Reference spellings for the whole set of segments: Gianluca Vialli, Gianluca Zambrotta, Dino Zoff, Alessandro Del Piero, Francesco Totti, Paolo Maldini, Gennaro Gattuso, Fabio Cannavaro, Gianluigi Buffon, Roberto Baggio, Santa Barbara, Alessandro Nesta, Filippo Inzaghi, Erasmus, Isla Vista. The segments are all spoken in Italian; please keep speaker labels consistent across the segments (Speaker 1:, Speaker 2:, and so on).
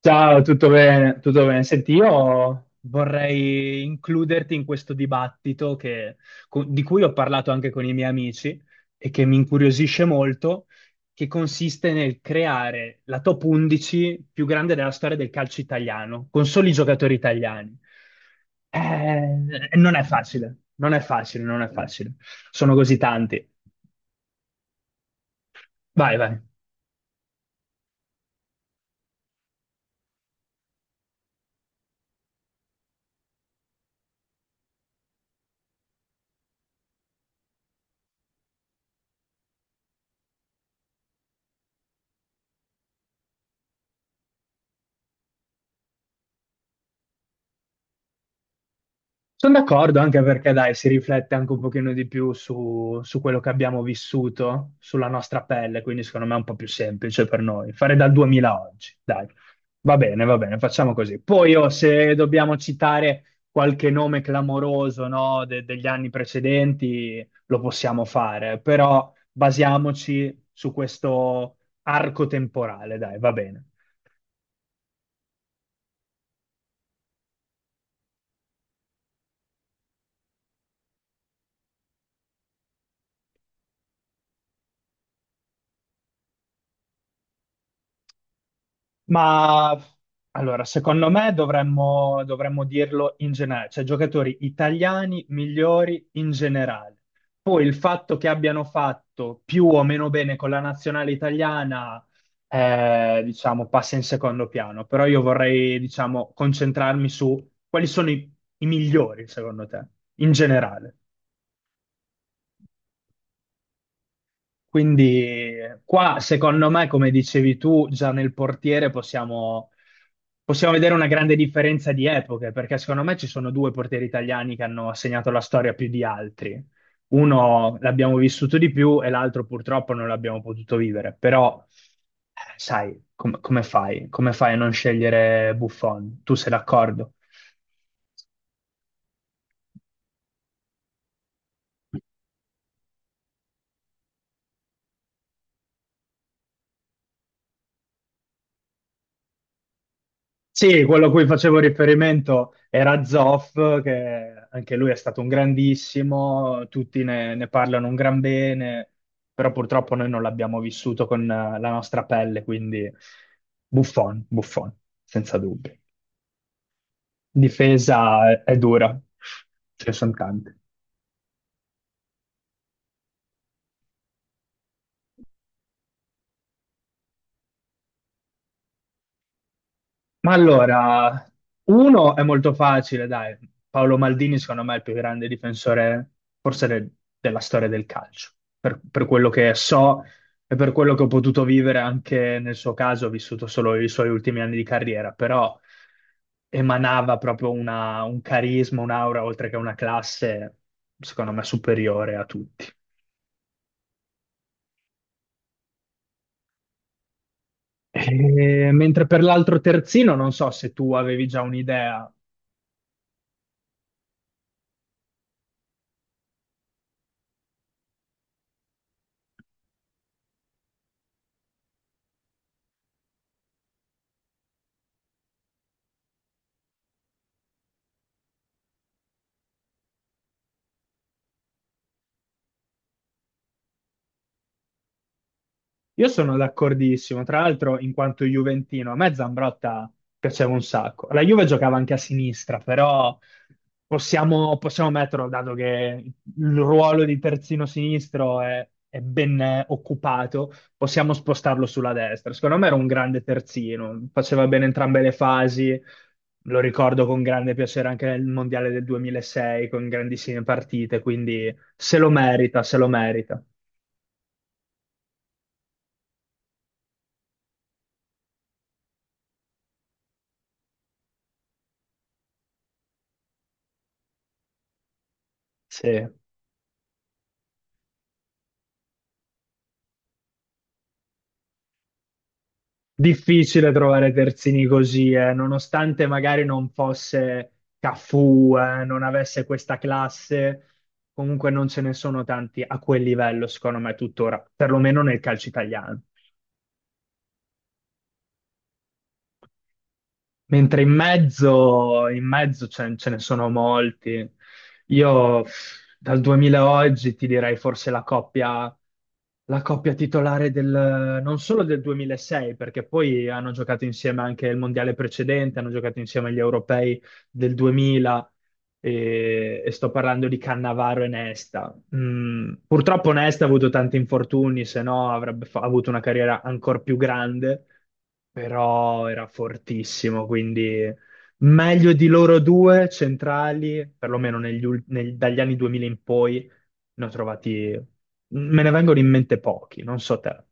Speaker 1: Ciao, tutto bene? Tutto bene. Senti, io vorrei includerti in questo dibattito di cui ho parlato anche con i miei amici e che mi incuriosisce molto, che consiste nel creare la top 11 più grande della storia del calcio italiano, con soli giocatori italiani. Non è facile, non è facile, non è facile. Sono così tanti. Vai, vai. Sono d'accordo anche perché dai, si riflette anche un pochino di più su quello che abbiamo vissuto, sulla nostra pelle, quindi secondo me è un po' più semplice per noi. Fare dal 2000 a oggi, dai. Va bene, facciamo così. Poi oh, se dobbiamo citare qualche nome clamoroso, no, degli anni precedenti, lo possiamo fare, però basiamoci su questo arco temporale, dai, va bene. Ma allora, secondo me dovremmo dirlo in generale, cioè giocatori italiani migliori in generale. Poi il fatto che abbiano fatto più o meno bene con la nazionale italiana, diciamo, passa in secondo piano, però io vorrei, diciamo, concentrarmi su quali sono i migliori, secondo te, in generale. Quindi qua, secondo me, come dicevi tu, già nel portiere possiamo vedere una grande differenza di epoche, perché secondo me ci sono due portieri italiani che hanno segnato la storia più di altri. Uno l'abbiamo vissuto di più e l'altro purtroppo non l'abbiamo potuto vivere, però sai, come fai? Come fai a non scegliere Buffon? Tu sei d'accordo? Sì, quello a cui facevo riferimento era Zoff, che anche lui è stato un grandissimo, tutti ne parlano un gran bene, però purtroppo noi non l'abbiamo vissuto con la nostra pelle, quindi Buffon, Buffon, senza dubbio. Difesa è dura, ce ne sono tante. Ma allora, uno è molto facile, dai. Paolo Maldini, secondo me, è il più grande difensore, forse della storia del calcio, per quello che so e per quello che ho potuto vivere anche nel suo caso, ho vissuto solo i suoi ultimi anni di carriera, però emanava proprio un carisma, un'aura, oltre che una classe, secondo me, superiore a tutti. Mentre per l'altro terzino, non so se tu avevi già un'idea. Io sono d'accordissimo, tra l'altro in quanto juventino, a me Zambrotta piaceva un sacco. La Juve giocava anche a sinistra, però possiamo metterlo, dato che il ruolo di terzino sinistro è ben occupato, possiamo spostarlo sulla destra. Secondo me era un grande terzino, faceva bene entrambe le fasi, lo ricordo con grande piacere anche nel Mondiale del 2006, con grandissime partite, quindi se lo merita, se lo merita. Sì. Difficile trovare terzini così, nonostante magari non fosse Cafu, non avesse questa classe, comunque non ce ne sono tanti a quel livello, secondo me, tuttora, perlomeno nel calcio italiano. Mentre in mezzo ce ne sono molti. Io pff, dal 2000 a oggi ti direi forse la coppia titolare del, non solo del 2006, perché poi hanno giocato insieme anche il mondiale precedente, hanno giocato insieme agli europei del 2000 e sto parlando di Cannavaro e Nesta. Mm, purtroppo Nesta ha avuto tanti infortuni, se no avuto una carriera ancora più grande, però era fortissimo, quindi meglio di loro due centrali, perlomeno dagli anni 2000 in poi, ne ho trovati, me ne vengono in mente pochi, non so te.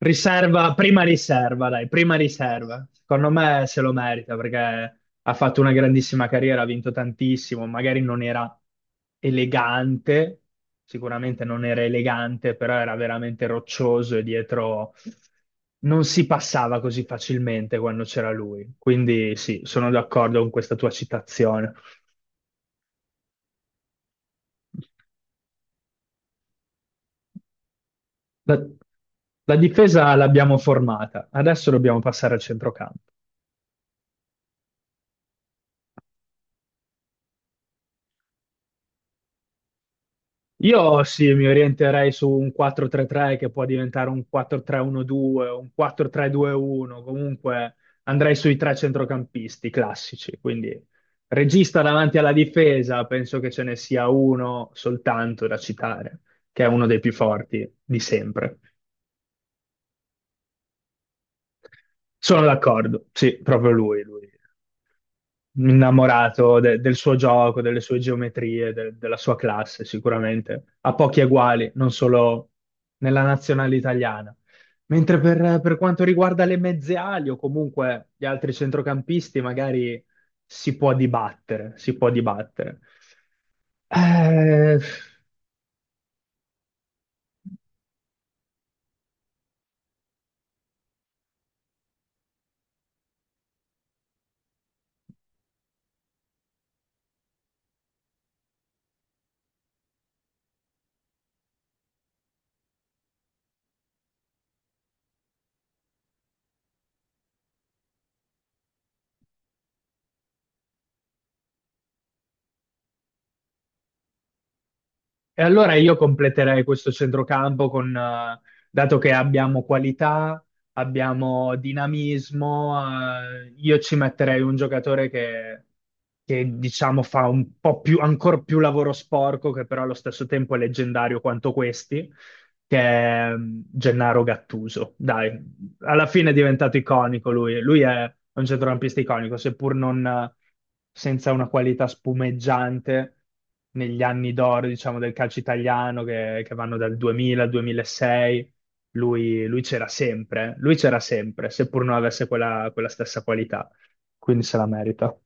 Speaker 1: Riserva, prima riserva, dai, prima riserva. Secondo me se lo merita perché ha fatto una grandissima carriera, ha vinto tantissimo, magari non era elegante, sicuramente non era elegante, però era veramente roccioso e dietro non si passava così facilmente quando c'era lui. Quindi sì, sono d'accordo con questa tua citazione. La, la difesa l'abbiamo formata, adesso dobbiamo passare al centrocampo. Io sì, mi orienterei su un 4-3-3 che può diventare un 4-3-1-2, un 4-3-2-1, comunque andrei sui tre centrocampisti classici, quindi regista davanti alla difesa, penso che ce ne sia uno soltanto da citare, che è uno dei più forti di sempre. Sono d'accordo, sì, proprio lui, lui. Innamorato del suo gioco, delle sue geometrie, della sua classe, sicuramente. Ha pochi eguali, non solo nella nazionale italiana. Mentre per quanto riguarda le mezze ali o comunque gli altri centrocampisti, magari si può dibattere, si può dibattere. Eh, E allora io completerei questo centrocampo con, dato che abbiamo qualità, abbiamo dinamismo, io ci metterei un giocatore che, diciamo fa un po' più, ancora più lavoro sporco, che però allo stesso tempo è leggendario quanto questi, che è mm, Gennaro Gattuso. Dai, alla fine è diventato iconico lui. Lui è un centrocampista iconico, seppur non senza una qualità spumeggiante negli anni d'oro, diciamo, del calcio italiano che vanno dal 2000 al 2006. Lui c'era sempre, eh. Lui c'era sempre, seppur non avesse quella stessa qualità. Quindi se la merita.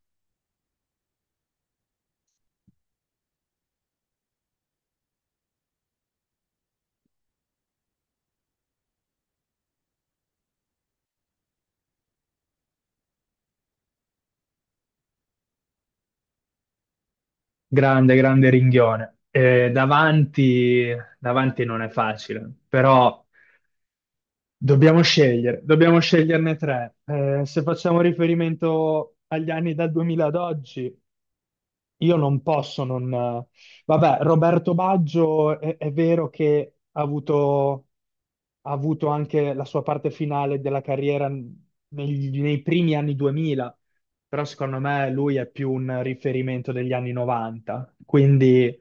Speaker 1: Grande, grande ringhione. Davanti, davanti non è facile, però dobbiamo scegliere, dobbiamo sceglierne tre. Se facciamo riferimento agli anni dal 2000 ad oggi, io non posso non... Vabbè, Roberto Baggio è vero che ha ha avuto anche la sua parte finale della carriera nei primi anni 2000, però secondo me lui è più un riferimento degli anni 90, quindi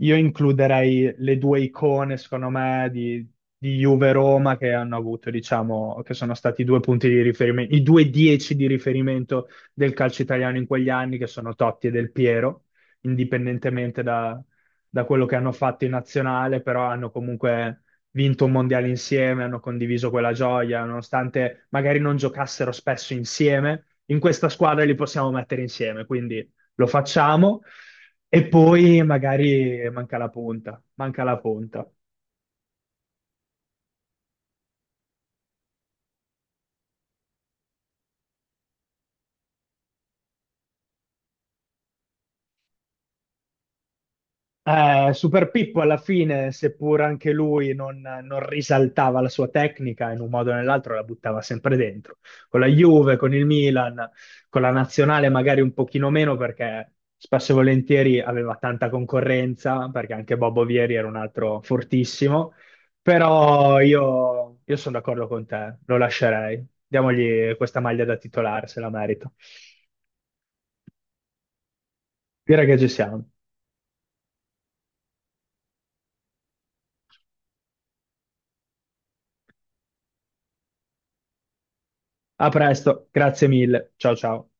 Speaker 1: io includerei le due icone, secondo me, di Juve-Roma che hanno avuto, diciamo, che sono stati i due punti di riferimento, i due dieci di riferimento del calcio italiano in quegli anni, che sono Totti e Del Piero, indipendentemente da quello che hanno fatto in nazionale, però hanno comunque vinto un mondiale insieme, hanno condiviso quella gioia, nonostante magari non giocassero spesso insieme, in questa squadra li possiamo mettere insieme, quindi lo facciamo. E poi magari manca la punta, manca la punta. Super Pippo alla fine, seppur anche lui non risaltava la sua tecnica, in un modo o nell'altro la buttava sempre dentro. Con la Juve, con il Milan, con la nazionale magari un pochino meno perché spesso e volentieri aveva tanta concorrenza, perché anche Bobo Vieri era un altro fortissimo. Però io sono d'accordo con te, lo lascerei. Diamogli questa maglia da titolare, se la merita. Direi che ci siamo. A presto, grazie mille. Ciao ciao.